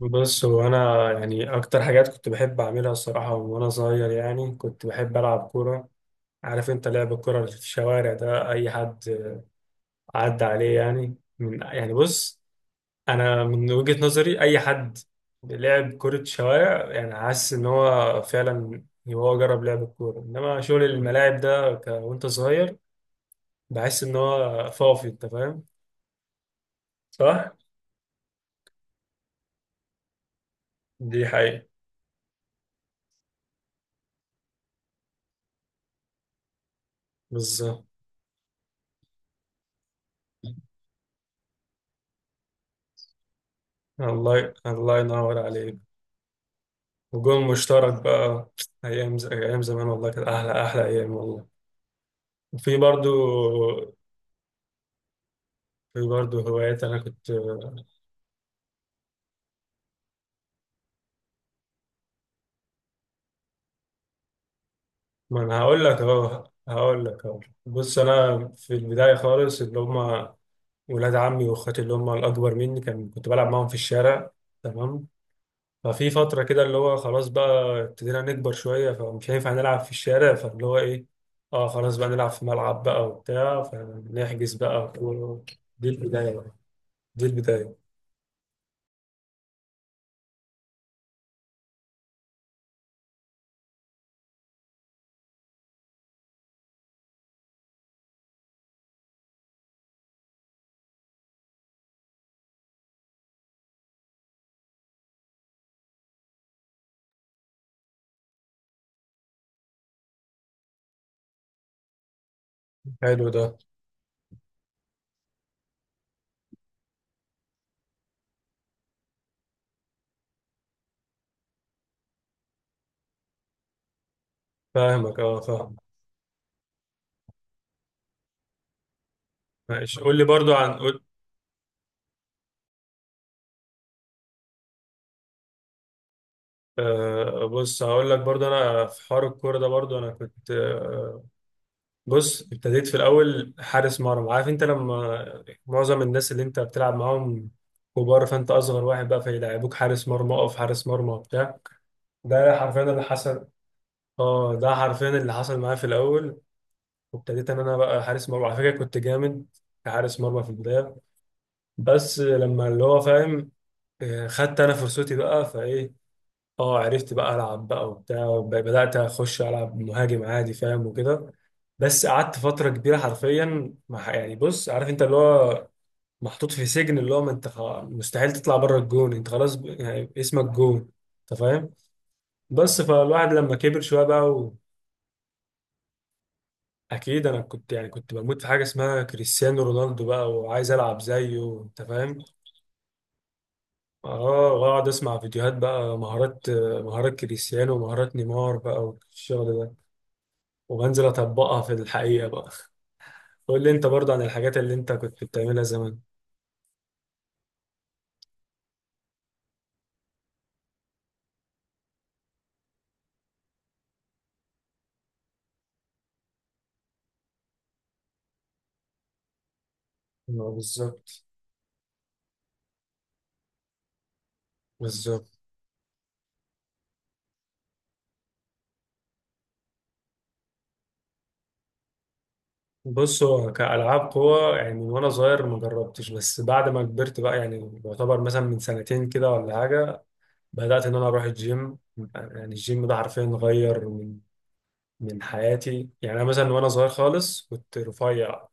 بص هو انا يعني اكتر حاجات كنت بحب اعملها الصراحه وانا صغير، يعني كنت بحب العب كوره. عارف انت لعب الكوره اللي في الشوارع ده، اي حد عدى عليه؟ يعني من، يعني بص، انا من وجهه نظري اي حد لعب كره شوارع يعني حاسس ان هو فعلا، يعني هو جرب لعب الكوره. انما شغل الملاعب ده وانت صغير بحس ان هو فاضي، انت فاهم. صح. دي حقيقه. بالظبط. الله، الله ينور عليك. وجون مشترك بقى. أيام زمان والله كانت أحلى أحلى أيام والله. وفي برضو، في برضو هوايات أنا كنت. ما أنا هقول لك أهو، هقول لك أهو. بص أنا في البداية خالص اللي هما ولاد عمي وأخواتي اللي هما الأكبر مني، كنت بلعب معاهم في الشارع. تمام. ففي فترة كده اللي هو خلاص بقى ابتدينا نكبر شوية، فمش هينفع نلعب في الشارع، فاللي هو إيه، اه خلاص بقى نلعب في ملعب بقى وبتاع، فنحجز بقى و- دي البداية بقى، دي البداية. حلو ده. فاهمك، اه فاهم. ماشي، قول لي برضو، عن قول. بص هقول لك برضو انا في حوار الكوره ده، برضو انا كنت بص ابتديت في الاول حارس مرمى. عارف انت لما معظم الناس اللي انت بتلعب معاهم كبار، فانت اصغر واحد بقى فيلعبوك حارس مرمى، اقف حارس مرمى وبتاع. ده حرفيا اللي حصل. اه ده حرفيا اللي حصل معايا في الاول. وابتديت ان انا بقى حارس مرمى. على فكره كنت جامد كحارس مرمى في البدايه. بس لما اللي هو فاهم، خدت انا فرصتي بقى فايه، اه عرفت بقى العب بقى وبتاع بدات اخش العب مهاجم عادي، فاهم وكده. بس قعدت فتره كبيره حرفيا مع، يعني بص عارف انت اللي هو محطوط في سجن، اللي هو ما انت مستحيل تطلع بره الجون، انت خلاص ب- يعني اسمك جون. انت فاهم. بس فالواحد لما كبر شويه بقى و... اكيد انا كنت، يعني كنت بموت في حاجه اسمها كريستيانو رونالدو بقى، وعايز العب زيه، انت فاهم. اه واقعد اسمع فيديوهات بقى، مهارات مهارات كريستيانو ومهارات نيمار بقى والشغل ده. وبنزل اطبقها في الحقيقه بقى. قول لي انت برضه عن الحاجات اللي انت كنت بتعملها زمان. ما بالظبط، بالظبط. بص هو كألعاب قوة، يعني من وأنا صغير ما جربتش، بس بعد ما كبرت بقى يعني يعتبر مثلا من سنتين كده ولا حاجة بدأت إن أنا أروح الجيم. يعني الجيم ده حرفيا غير من حياتي. يعني أنا مثلا وأنا صغير خالص كنت رفيع،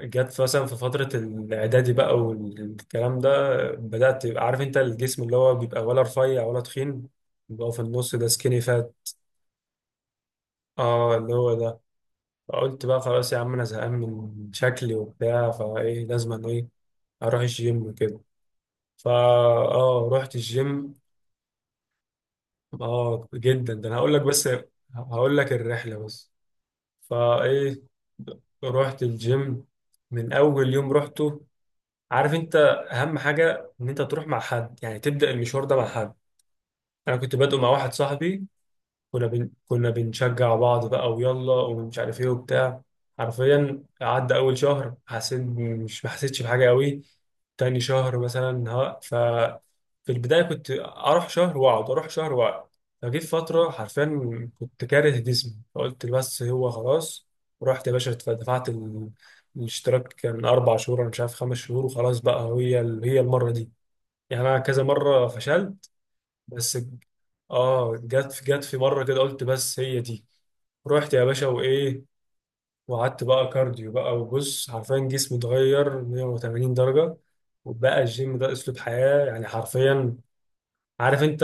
جت مثلا في فترة الإعدادي بقى والكلام ده بدأت تبقى عارف أنت الجسم اللي هو بيبقى، ولا رفيع ولا تخين، اللي هو في النص ده سكيني فات. اه اللي هو ده. فقلت بقى خلاص يا عم، أنا زهقان من شكلي وبتاع، فإيه لازم أنا إيه أروح الجيم وكده. فا اه رحت الجيم. اه جدا، ده أنا هقول لك بس، هقول لك الرحلة بس. فإيه رحت الجيم. من أول يوم رحته، عارف انت، اهم حاجه ان انت تروح مع حد، يعني تبدا المشوار ده مع حد. انا كنت بادئه مع واحد صاحبي، كنا بنشجع بعض بقى، ويلا ومش عارف ايه وبتاع. حرفيا عدى اول شهر حسيت، مش ما حسيتش بحاجه قوي. تاني شهر مثلا ها ف في البدايه كنت اروح شهر واقعد، اروح شهر واقعد. فجيت فتره حرفيا كنت كاره جسمي، فقلت بس هو خلاص. ورحت يا باشا دفعت الاشتراك. كان 4 شهور انا مش عارف 5 شهور، وخلاص بقى هي هي المره دي. يعني انا كذا مره فشلت بس. اه جت في مره كده قلت بس هي دي. رحت يا باشا وايه، وقعدت بقى كارديو بقى، وبص حرفيا جسمي اتغير 180 درجه، وبقى الجيم ده اسلوب حياه، يعني حرفيا. عارف انت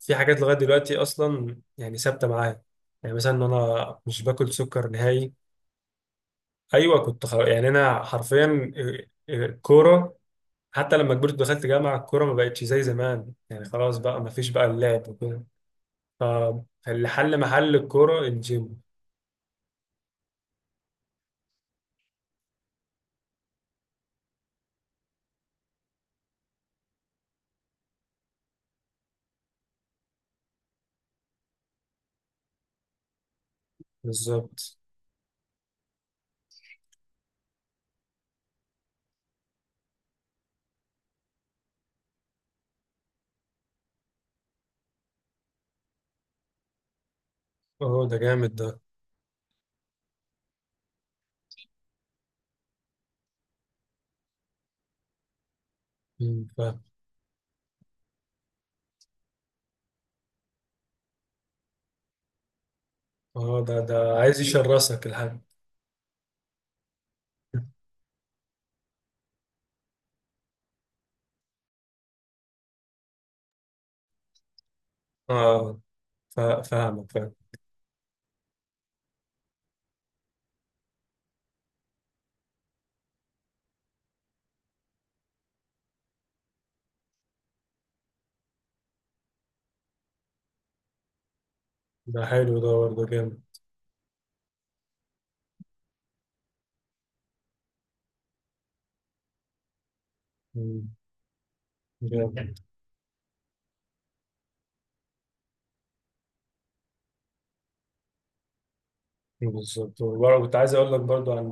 في حاجات لغايه دلوقتي اصلا يعني ثابته معايا، يعني مثلا ان انا مش باكل سكر نهائي. ايوه كنت خ... يعني انا حرفيا الكوره، حتى لما كبرت دخلت جامعه، الكوره ما بقتش زي زمان، يعني خلاص بقى ما فيش بقى اللعب وكده. فاللي حل محل الكورة الجيم. بالظبط. اهو ده جامد ده. مم، فاهم. اهو ده، ده عايز يشرسك الحاج. اه. فاهمك، فاهم. ده حلو ده برضه، جامد. مم، جامد. بالظبط. وبرضه كنت عايز اقول لك برضه عن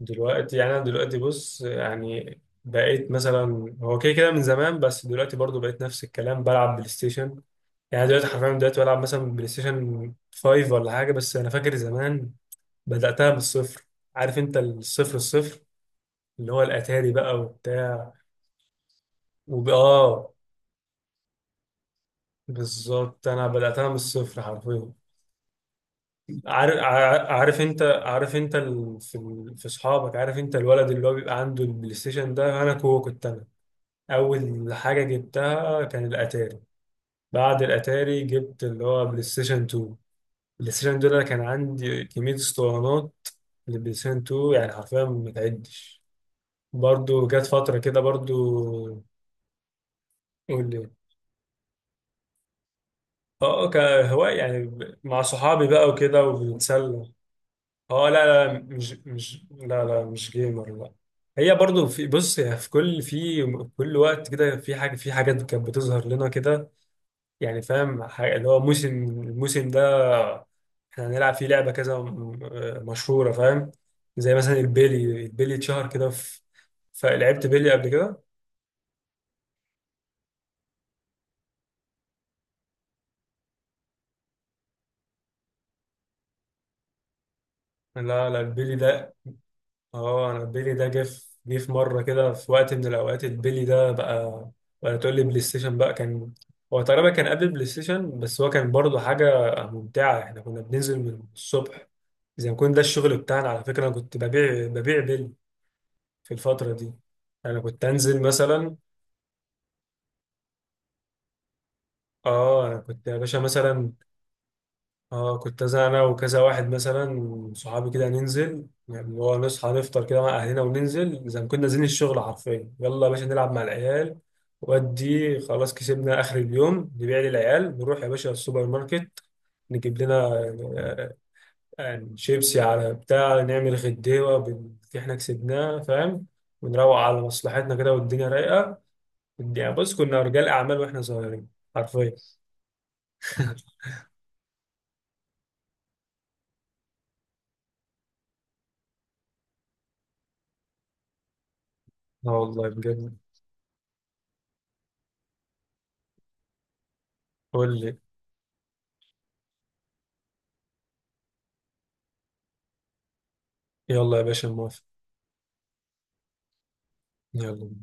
دلوقتي. يعني انا دلوقتي بص، يعني بقيت مثلا، هو كده كده من زمان، بس دلوقتي برضه بقيت نفس الكلام بلعب بلاي ستيشن. يعني دلوقتي حرفيا دلوقتي بلعب مثلا بلاي ستيشن 5 ولا حاجة. بس انا فاكر زمان بدأتها من الصفر، عارف انت الصفر الصفر، اللي هو الاتاري بقى وبتاع اه، بالظبط انا بدأتها من الصفر حرفيا. عارف انت، عارف انت في اصحابك، عارف انت الولد اللي هو بيبقى عنده البلاي ستيشن ده، انا كنت انا. اول حاجة جبتها كان الاتاري. بعد الاتاري جبت اللي هو بلاي ستيشن 2. البلاي ستيشن 2 ده أنا كان عندي كمية اسطوانات للبلاي ستيشن 2، يعني حرفيا ما تعدش. برضو جت فترة كده برضو. قول لي. اه كهواية، يعني ب- مع صحابي بقى وكده وبنتسلى. اه لا لا، مش لا لا، مش جيمر، لا. هي برضو في، بص يعني في كل، في كل وقت كده في حاجة، في حاجات كانت بتظهر لنا كده. يعني فاهم حاجة اللي هو موسم، الموسم ده احنا هنلعب فيه لعبة كذا م- مشهورة، فاهم. زي مثلا البيلي، البيلي اتشهر كده في، فلعبت بيلي قبل كده. لا لا البيلي ده. اه انا البيلي ده جه في مره كده في وقت من الاوقات، البيلي ده بقى. ولا تقول لي بلاي ستيشن بقى كان، هو تقريبا كان قبل البلاي ستيشن. بس هو كان برضه حاجه ممتعه. احنا كنا بننزل من الصبح زي ما كنا، ده الشغل بتاعنا على فكره. انا كنت ببيع بيلي في الفتره دي. انا كنت انزل مثلا، اه انا كنت يا باشا مثلا، اه كنت انا وكذا واحد مثلا صحابي كده ننزل، يعني اللي هو نصحى نفطر كده مع اهلنا، وننزل زي ما كنا نازلين الشغل، حرفيا يلا يا باشا نلعب مع العيال. ودي خلاص كسبنا اخر اليوم، نبيع للعيال، نروح يا باشا السوبر ماركت نجيب لنا، آه، يعني شيبسي على بتاع، نعمل غديوه باللي احنا كسبناه، فاهم، ونروق على مصلحتنا كده والدنيا رايقه. يعني بص كنا رجال اعمال واحنا صغيرين، حرفيا. اه والله بجد. قول لي. يلا يا باشا، موافق. يلا.